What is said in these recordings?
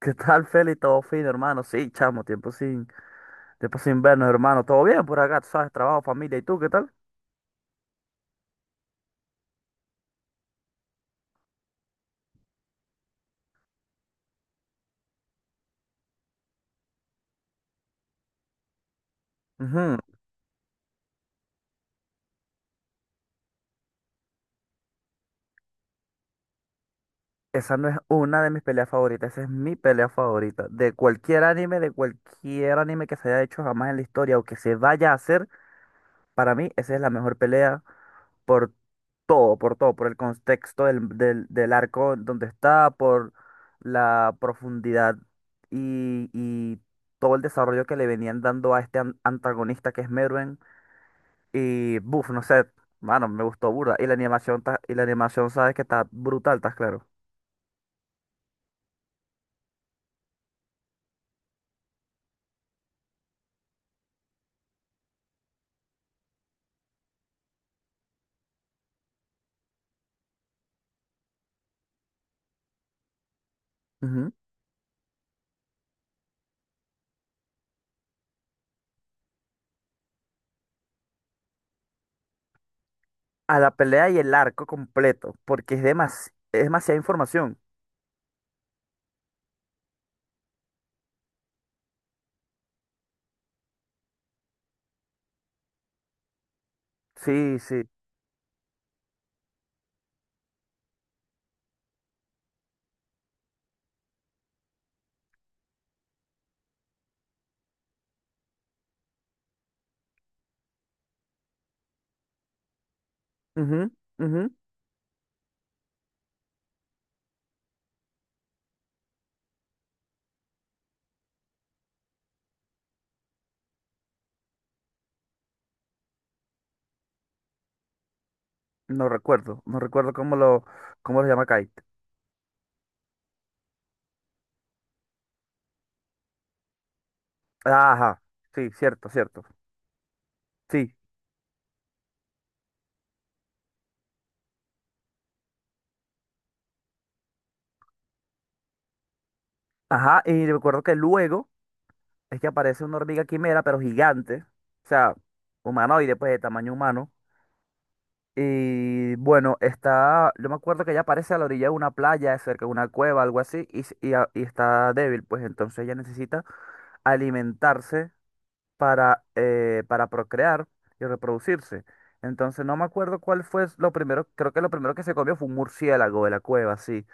¿Qué tal, Feli? ¿Todo fino, hermano? Sí, chamo, tiempo sin vernos, hermano. ¿Todo bien por acá? Tú sabes, trabajo, familia. ¿Y tú, qué tal? Ujú. Esa no es una de mis peleas favoritas, esa es mi pelea favorita. De cualquier anime que se haya hecho jamás en la historia o que se vaya a hacer, para mí esa es la mejor pelea por todo, por todo, por el contexto del arco donde está, por la profundidad y todo el desarrollo que le venían dando a este antagonista que es Merwin. Y, buf, no sé, mano, me gustó burda. Y la animación, y la animación, sabes que está brutal, estás claro. Ujú. A la pelea y el arco completo, porque es es demasiada información. Sí, sí. Ujú, ujú. No recuerdo, no recuerdo cómo lo llama Kite. Ajá, sí, cierto, cierto. Sí, ajá, y recuerdo que luego es que aparece una hormiga quimera, pero gigante, o sea, humanoide, pues de tamaño humano. Y bueno, está, yo me acuerdo que ella aparece a la orilla de una playa, cerca de una cueva, algo así, y, y está débil, pues entonces ella necesita alimentarse para procrear y reproducirse. Entonces no me acuerdo cuál fue lo primero, creo que lo primero que se comió fue un murciélago de la cueva, sí.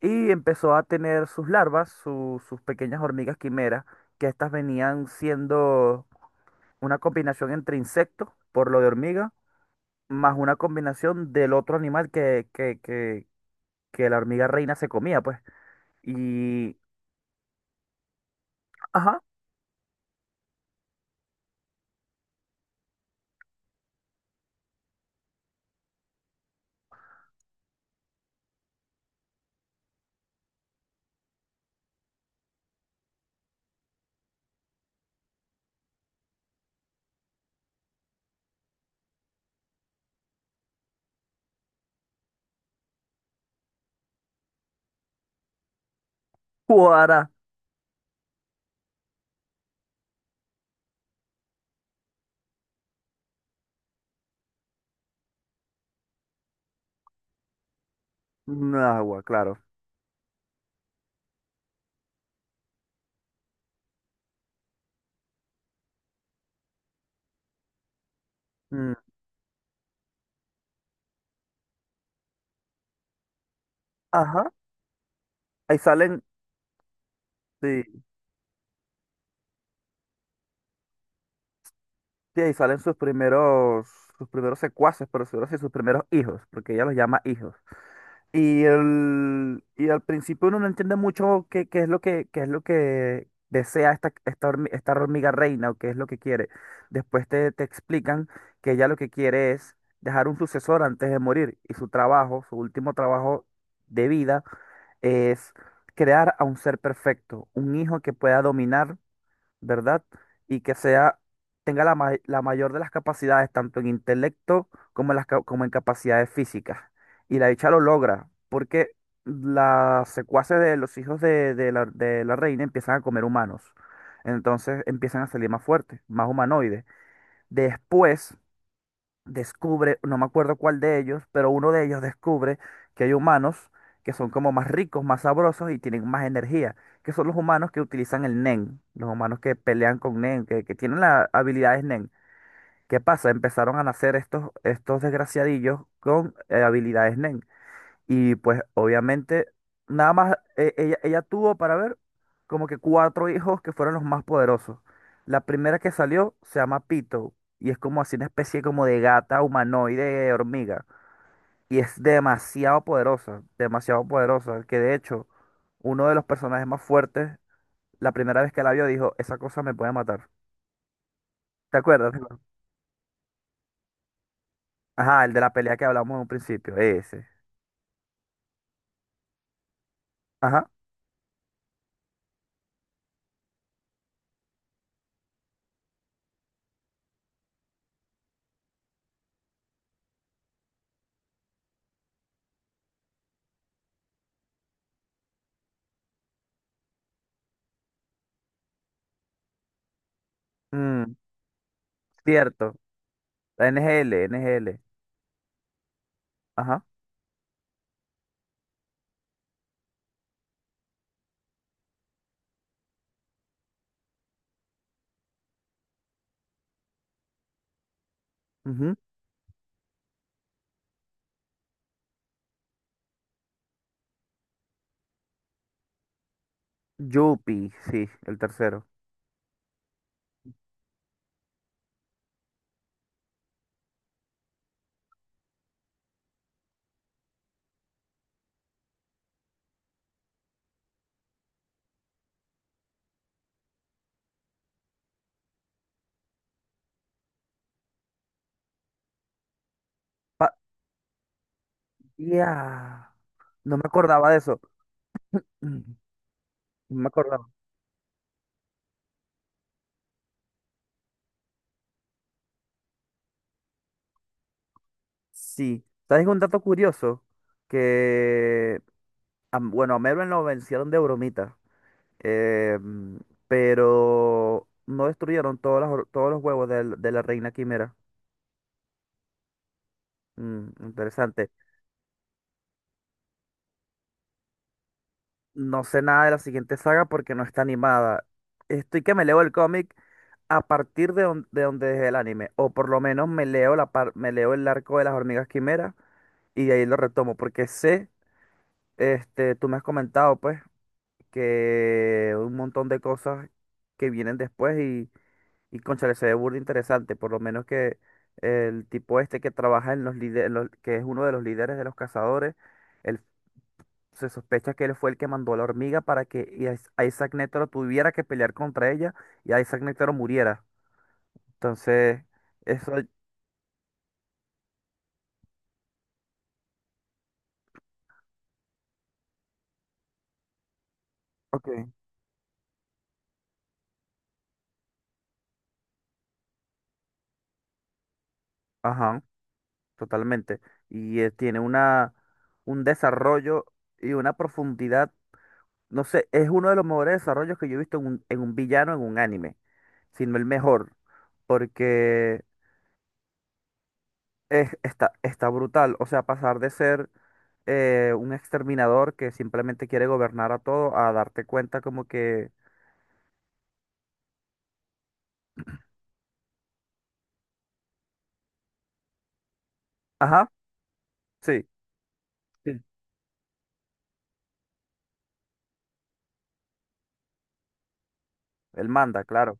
Y empezó a tener sus larvas, sus pequeñas hormigas quimeras, que estas venían siendo una combinación entre insecto, por lo de hormiga, más una combinación del otro animal que la hormiga reina se comía, pues. Y, ajá, cuara, un agua, claro. Mm, ajá, ahí salen, sí, sí, ahí salen sus primeros secuaces, por decirlo así, sus primeros hijos, porque ella los llama hijos. Y, el, y al principio uno no entiende mucho qué, qué es lo que desea esta esta hormiga reina o qué es lo que quiere. Después te, te explican que ella lo que quiere es dejar un sucesor antes de morir y su trabajo, su último trabajo de vida es crear a un ser perfecto, un hijo que pueda dominar, ¿verdad? Y que sea, tenga la, la mayor de las capacidades, tanto en intelecto como como en capacidades físicas. Y la dicha lo logra, porque las secuaces de los hijos de la reina empiezan a comer humanos. Entonces empiezan a salir más fuertes, más humanoides. Después descubre, no me acuerdo cuál de ellos, pero uno de ellos descubre que hay humanos que son como más ricos, más sabrosos y tienen más energía, que son los humanos que utilizan el Nen, los humanos que pelean con Nen, que tienen las habilidades Nen. ¿Qué pasa? Empezaron a nacer estos desgraciadillos con habilidades Nen. Y pues obviamente, nada más ella tuvo para ver como que cuatro hijos que fueron los más poderosos. La primera que salió se llama Pito y es como así una especie como de gata humanoide hormiga. Y es demasiado poderosa, que de hecho uno de los personajes más fuertes, la primera vez que la vio dijo, esa cosa me puede matar. ¿Te acuerdas? Sí. Ajá, el de la pelea que hablamos en un principio, ese. Ajá. Mm, cierto. NGL, NGL. Ajá. Yupi, sí, el tercero. Pa- ya. No me acordaba de eso. Mm, no me acordaba. Sí. ¿Sabes un dato curioso? Que, bueno, a Merwin lo vencieron de bromita. eh, mm, pero no destruyeron todas todos los huevos de la reina quimera. Mm, interesante. No sé nada de la siguiente saga porque no está animada. Estoy que me leo el cómic a partir de, de donde dejé el anime. O por lo menos me leo me leo el arco de las hormigas quimeras y de ahí lo retomo. Porque sé, este, tú me has comentado pues, que un montón de cosas que vienen después y cónchale, se ve burda interesante. Por lo menos que el tipo este que trabaja en los líderes, que es uno de los líderes de los cazadores. Se sospecha que él fue el que mandó a la hormiga para que Isaac Netero tuviera que pelear contra ella y Isaac Netero muriera. Entonces, eso. Ok. Ajá, totalmente. Y tiene una, un desarrollo y una profundidad, no sé, es uno de los mejores desarrollos que yo he visto en un villano, en un anime, sino el mejor, porque está, está brutal. O sea, pasar de ser un exterminador que simplemente quiere gobernar a todo a darte cuenta como que, ajá, sí, sí. Él manda, claro.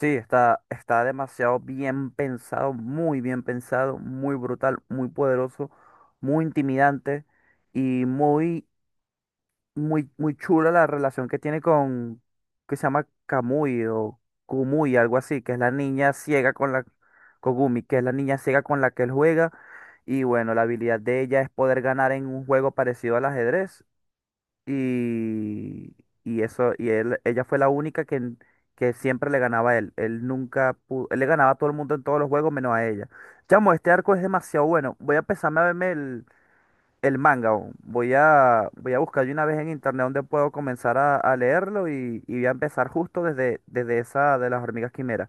Sí, está, está demasiado bien pensado, muy brutal, muy poderoso, muy intimidante y muy muy, muy chula la relación que tiene con, que se llama Kamui o Kumui, algo así, que es la niña ciega con la, Kogumi, que es la niña ciega con la que él juega. Y bueno, la habilidad de ella es poder ganar en un juego parecido al ajedrez. Y, y eso, y él, ella fue la única que siempre le ganaba a él. Él nunca pudo, él le ganaba a todo el mundo en todos los juegos menos a ella. Chamo, este arco es demasiado bueno. Voy a empezarme a verme el manga, o voy a, voy a buscar de una vez en internet donde puedo comenzar a leerlo y voy a empezar justo desde, desde esa de las hormigas quimeras.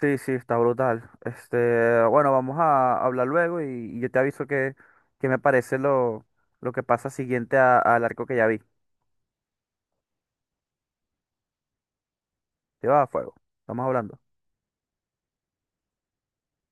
Sí, sí, está brutal. Este, bueno, vamos a hablar luego y yo te aviso que me parece lo que pasa siguiente al arco que ya vi. Te va a fuego. Estamos hablando.